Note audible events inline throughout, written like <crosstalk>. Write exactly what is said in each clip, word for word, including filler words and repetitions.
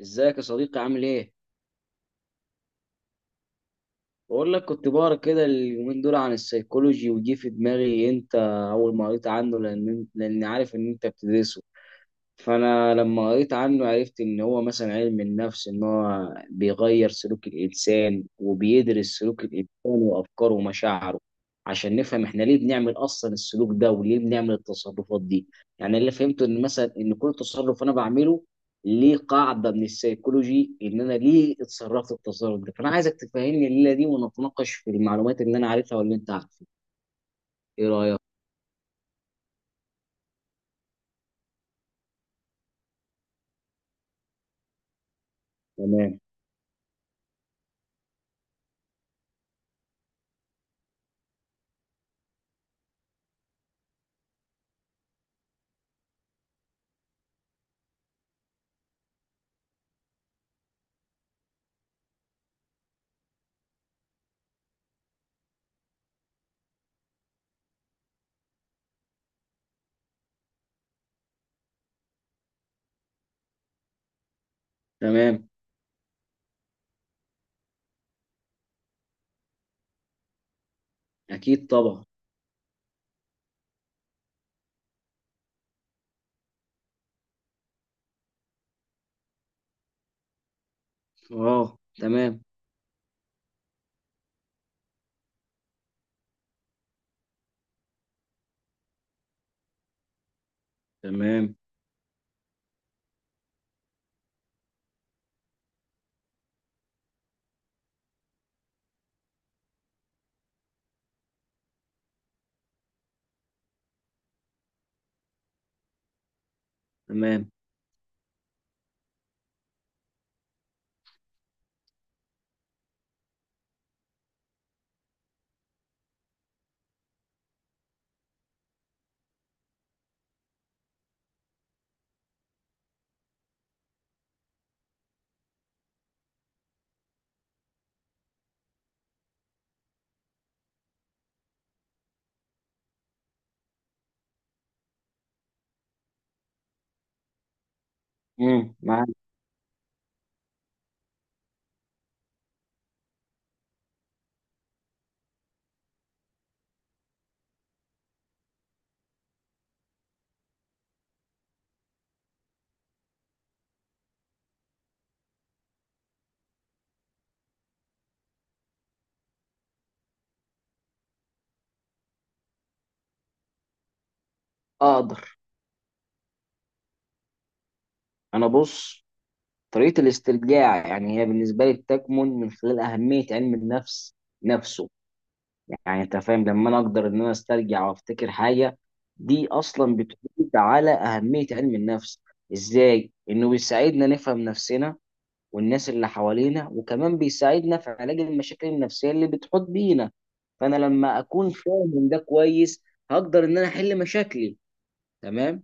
ازيك يا صديقي؟ عامل ايه؟ بقول لك، كنت بقرا كده اليومين دول عن السيكولوجي وجي في دماغي انت اول ما قريت عنه، لان لاني عارف ان انت بتدرسه. فانا لما قريت عنه عرفت ان هو مثلا علم النفس، ان هو بيغير سلوك الانسان وبيدرس سلوك الانسان وافكاره ومشاعره عشان نفهم احنا ليه بنعمل اصلا السلوك ده وليه بنعمل التصرفات دي. يعني اللي فهمته ان مثلا ان كل تصرف انا بعمله ليه قاعده من السيكولوجي، ان انا ليه اتصرفت التصرف ده. فانا عايزك تفهمني الليله دي ونتناقش في المعلومات اللي انا عارفها واللي انت عارفها. ايه رايك؟ تمام. تمام. اكيد طبعا. اه تمام. تمام. تمام. امم، معاك. اقدر. انا بص، طريقه الاسترجاع يعني هي بالنسبه لي بتكمن من خلال اهميه علم النفس نفسه. يعني انت فاهم، لما انا اقدر ان انا استرجع وافتكر حاجه، دي اصلا بتعود على اهميه علم النفس، ازاي انه بيساعدنا نفهم نفسنا والناس اللي حوالينا، وكمان بيساعدنا في علاج المشاكل النفسيه اللي بتحط بينا. فانا لما اكون فاهم ده كويس هقدر ان انا احل مشاكلي. تمام.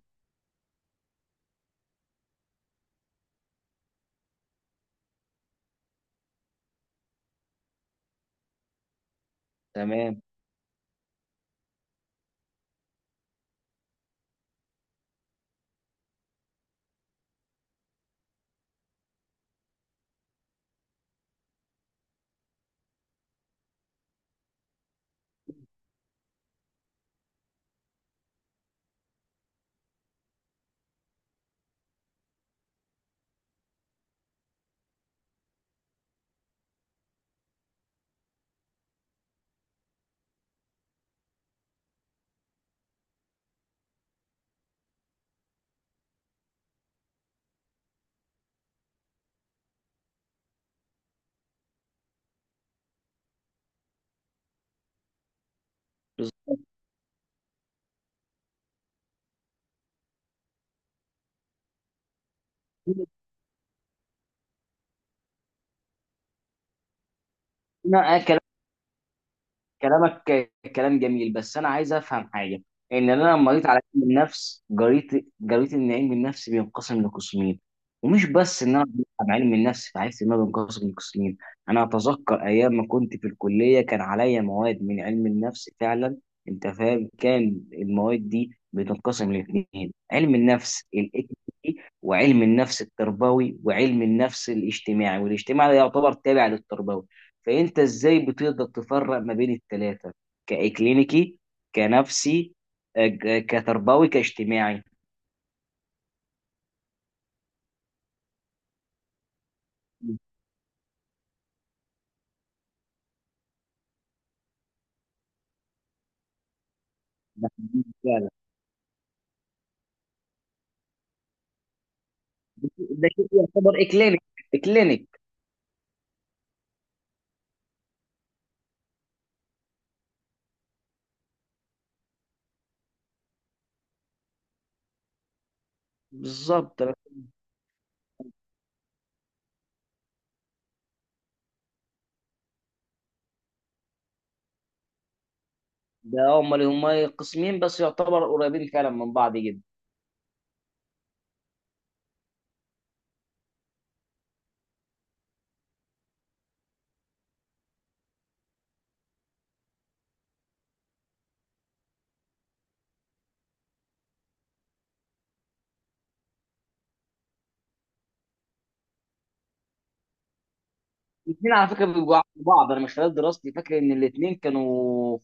تمام. كلامك كلام جميل، بس انا عايز افهم حاجه. ان انا لما قريت على علم النفس، قريت قريت ان علم النفس بينقسم لقسمين. ومش بس ان انا قريت عن علم النفس فعرفت ان هو بينقسم لقسمين، انا اتذكر ايام ما كنت في الكليه كان عليا مواد من علم النفس فعلا. انت فاهم، كان المواد دي بتنقسم لاثنين: علم النفس الاكتي، وعلم النفس التربوي، وعلم النفس الاجتماعي، والاجتماعي ده يعتبر تابع للتربوي. فانت ازاي بتقدر تفرق ما بين الثلاثه؟ كاكلينيكي، كنفسي، آه، ج- كتربوي، كاجتماعي؟ ده فعلا. ده شيء يعتبر اكلينيك. اكلينيك. بالظبط. ده هم اللي هم قسمين بس، يعتبر قريبين فعلا من بعض جدا. الاثنين على فكره بيبقوا عكس بعض. انا من خلال دراستي فاكر ان الاثنين كانوا،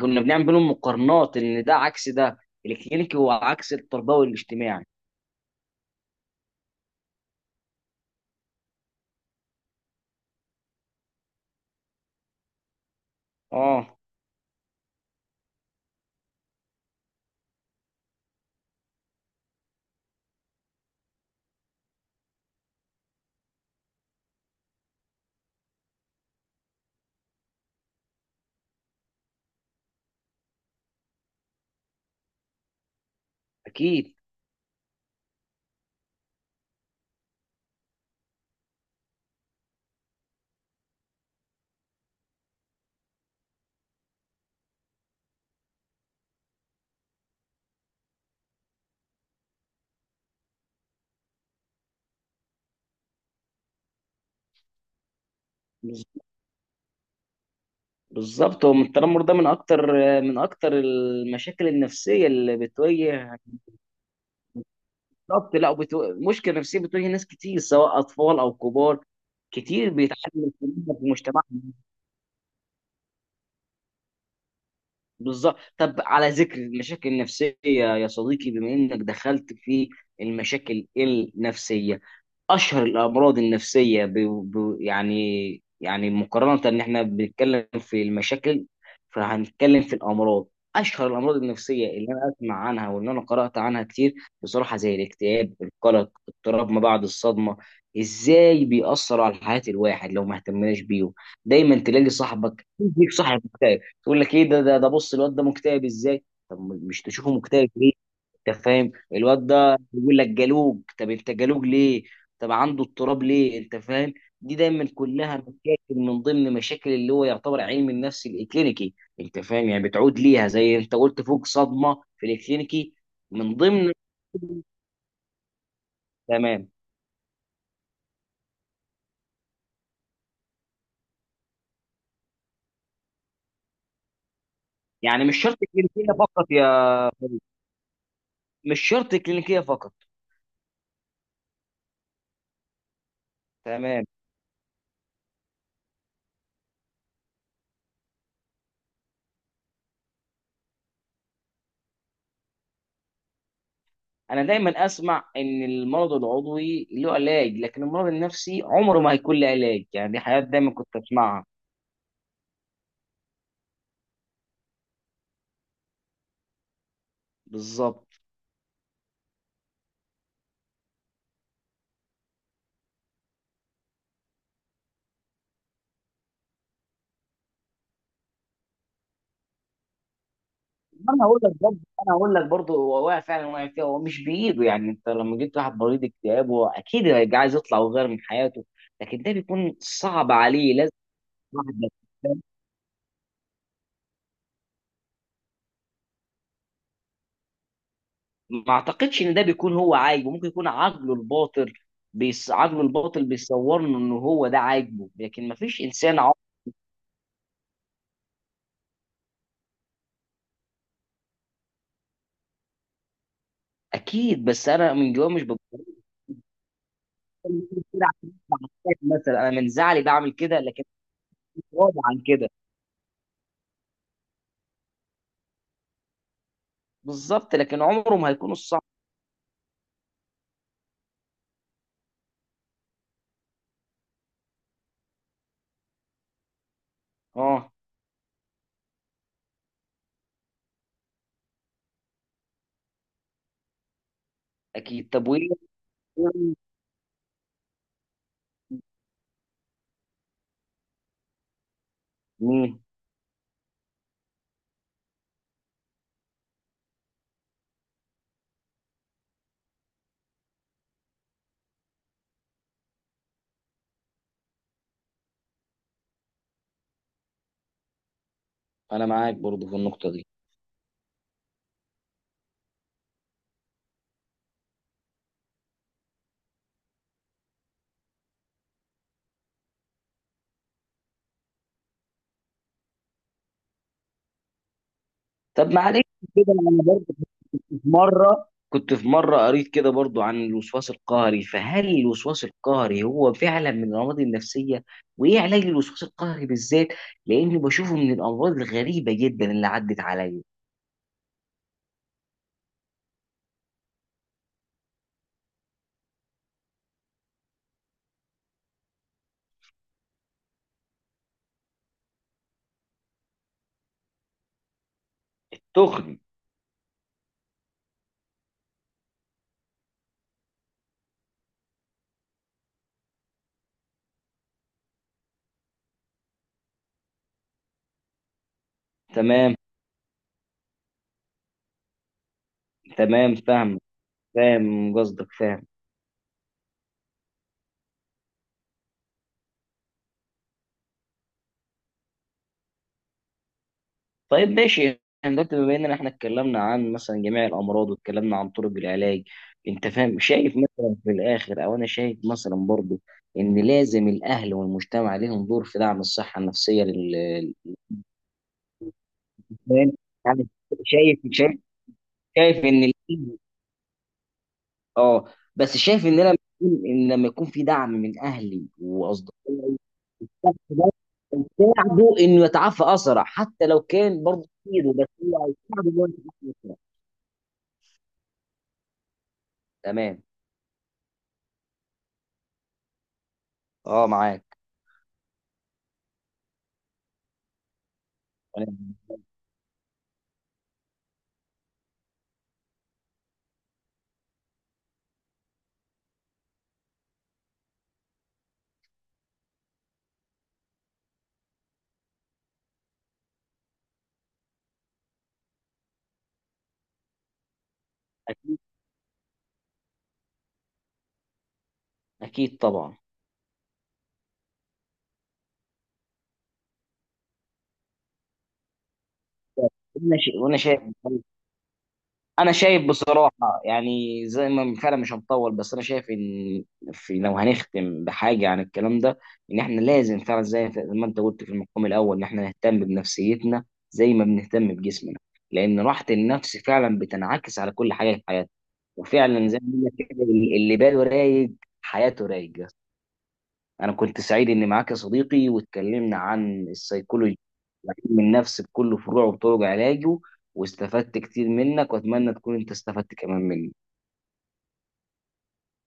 كنا بنعمل بينهم مقارنات ان ده عكس ده. الكلينيكي هو عكس التربوي الاجتماعي. اه. اكيد. بالظبط، هو التنمر ده من اكتر، من اكتر المشاكل النفسيه اللي بتواجه. بالظبط. لا وبتو... مشكله نفسيه بتواجه ناس كتير سواء اطفال او كبار. كتير بيتعانوا من التنمر في مجتمعنا. بالظبط. طب على ذكر المشاكل النفسيه يا صديقي، بما انك دخلت في المشاكل النفسيه، اشهر الامراض النفسيه ب... ب... يعني، يعني مقارنه ان احنا بنتكلم في المشاكل فهنتكلم في الامراض، اشهر الامراض النفسيه اللي انا اسمع عنها واللي انا قرات عنها كتير بصراحه، زي الاكتئاب، القلق، اضطراب ما بعد الصدمه، ازاي بيأثر على حياه الواحد لو ما اهتمناش بيهم. دايما تلاقي صاحبك يجيك صاحب مكتئب تقول لك ايه ده؟ ده ده بص الواد ده مكتئب ازاي؟ طب مش تشوفه مكتئب ليه؟ انت فاهم، الواد ده بيقول لك جالوج، طب انت جالوج ليه؟ طب عنده اضطراب ليه؟ انت فاهم، دي دايما كلها مشاكل من ضمن مشاكل اللي هو يعتبر علم النفس الكلينيكي. انت فاهم يعني بتعود ليها زي انت قلت فوق، صدمه في الكلينيكي. من ضمن <laughs> تمام. يعني مش شرط كلينيكيه فقط يا، مش شرط كلينيكيه فقط. تمام. انا دايما اسمع ان المرض العضوي له علاج، لكن المرض النفسي عمره ما هيكون له علاج. يعني دي حاجات دايما كنت اسمعها. بالظبط. انا هقول لك برضه، انا هقول لك برضه هو واقع، فعلا واقع فيها، هو مش بايده. يعني انت لما جبت واحد مريض اكتئاب، هو اكيد هيبقى عايز يطلع ويغير من حياته، لكن ده بيكون صعب عليه. لازم واحد، ما اعتقدش ان ده بيكون هو عاجبه. ممكن يكون عقله الباطل بيس... عقله الباطل بيصور له ان هو ده عاجبه، لكن ما فيش انسان عاقل اكيد. بس انا من جوايا مش بقول كده عشان أطلع. مكتئب مثلا، انا من زعلي بعمل كده لكن مش راضي عن كده. بالظبط، لكن عمره ما هيكون الصح. اه. اكيد. طب وايه؟ مم. انا معاك برضو في النقطه دي. طب معلش، كده انا برضو كنت، في مره كنت في مره قريت كده برضو عن الوسواس القهري، فهل الوسواس القهري هو فعلا من الامراض النفسيه؟ وايه علاج الوسواس القهري بالذات؟ لاني بشوفه من الامراض الغريبه جدا اللي عدت عليا. تخني. تمام. تمام فاهم. فاهم قصدك، فاهم. طيب ماشي، احنا دلوقتي بما اننا احنا اتكلمنا عن مثلا جميع الامراض واتكلمنا عن طرق العلاج، انت فاهم، شايف مثلا في الاخر، او انا شايف مثلا برضو ان لازم الاهل والمجتمع ليهم دور في دعم الصحه النفسيه لل- للانسان، يعني. شايف، شايف. شايف ان ال- اه، بس شايف ان لما يكون ان لما يكون في دعم من اهلي واصدقائي، ده يساعده انه يتعافى اسرع. حتى لو كان برضه كتير بس، هو هيساعده انه يتعافى اسرع. تمام. اه معاك. تمام. اكيد طبعا. انا شايف، وانا شايف انا شايف بصراحه، يعني زي ما فعلا مش هنطول، بس انا شايف ان في، لو هنختم بحاجه عن الكلام ده، ان احنا لازم فعلا زي ما زي ما انت قلت في المقام الاول، ان احنا نهتم بنفسيتنا زي ما بنهتم بجسمنا، لان راحه النفس فعلا بتنعكس على كل حاجه في حياتنا. وفعلا زي ما بيقول لك كده، اللي باله رايق حياته رايقه. أنا كنت سعيد إني معاك يا صديقي واتكلمنا عن السيكولوجي، علم النفس بكل فروعه وطرق علاجه. واستفدت كتير منك، وأتمنى تكون أنت استفدت كمان مني.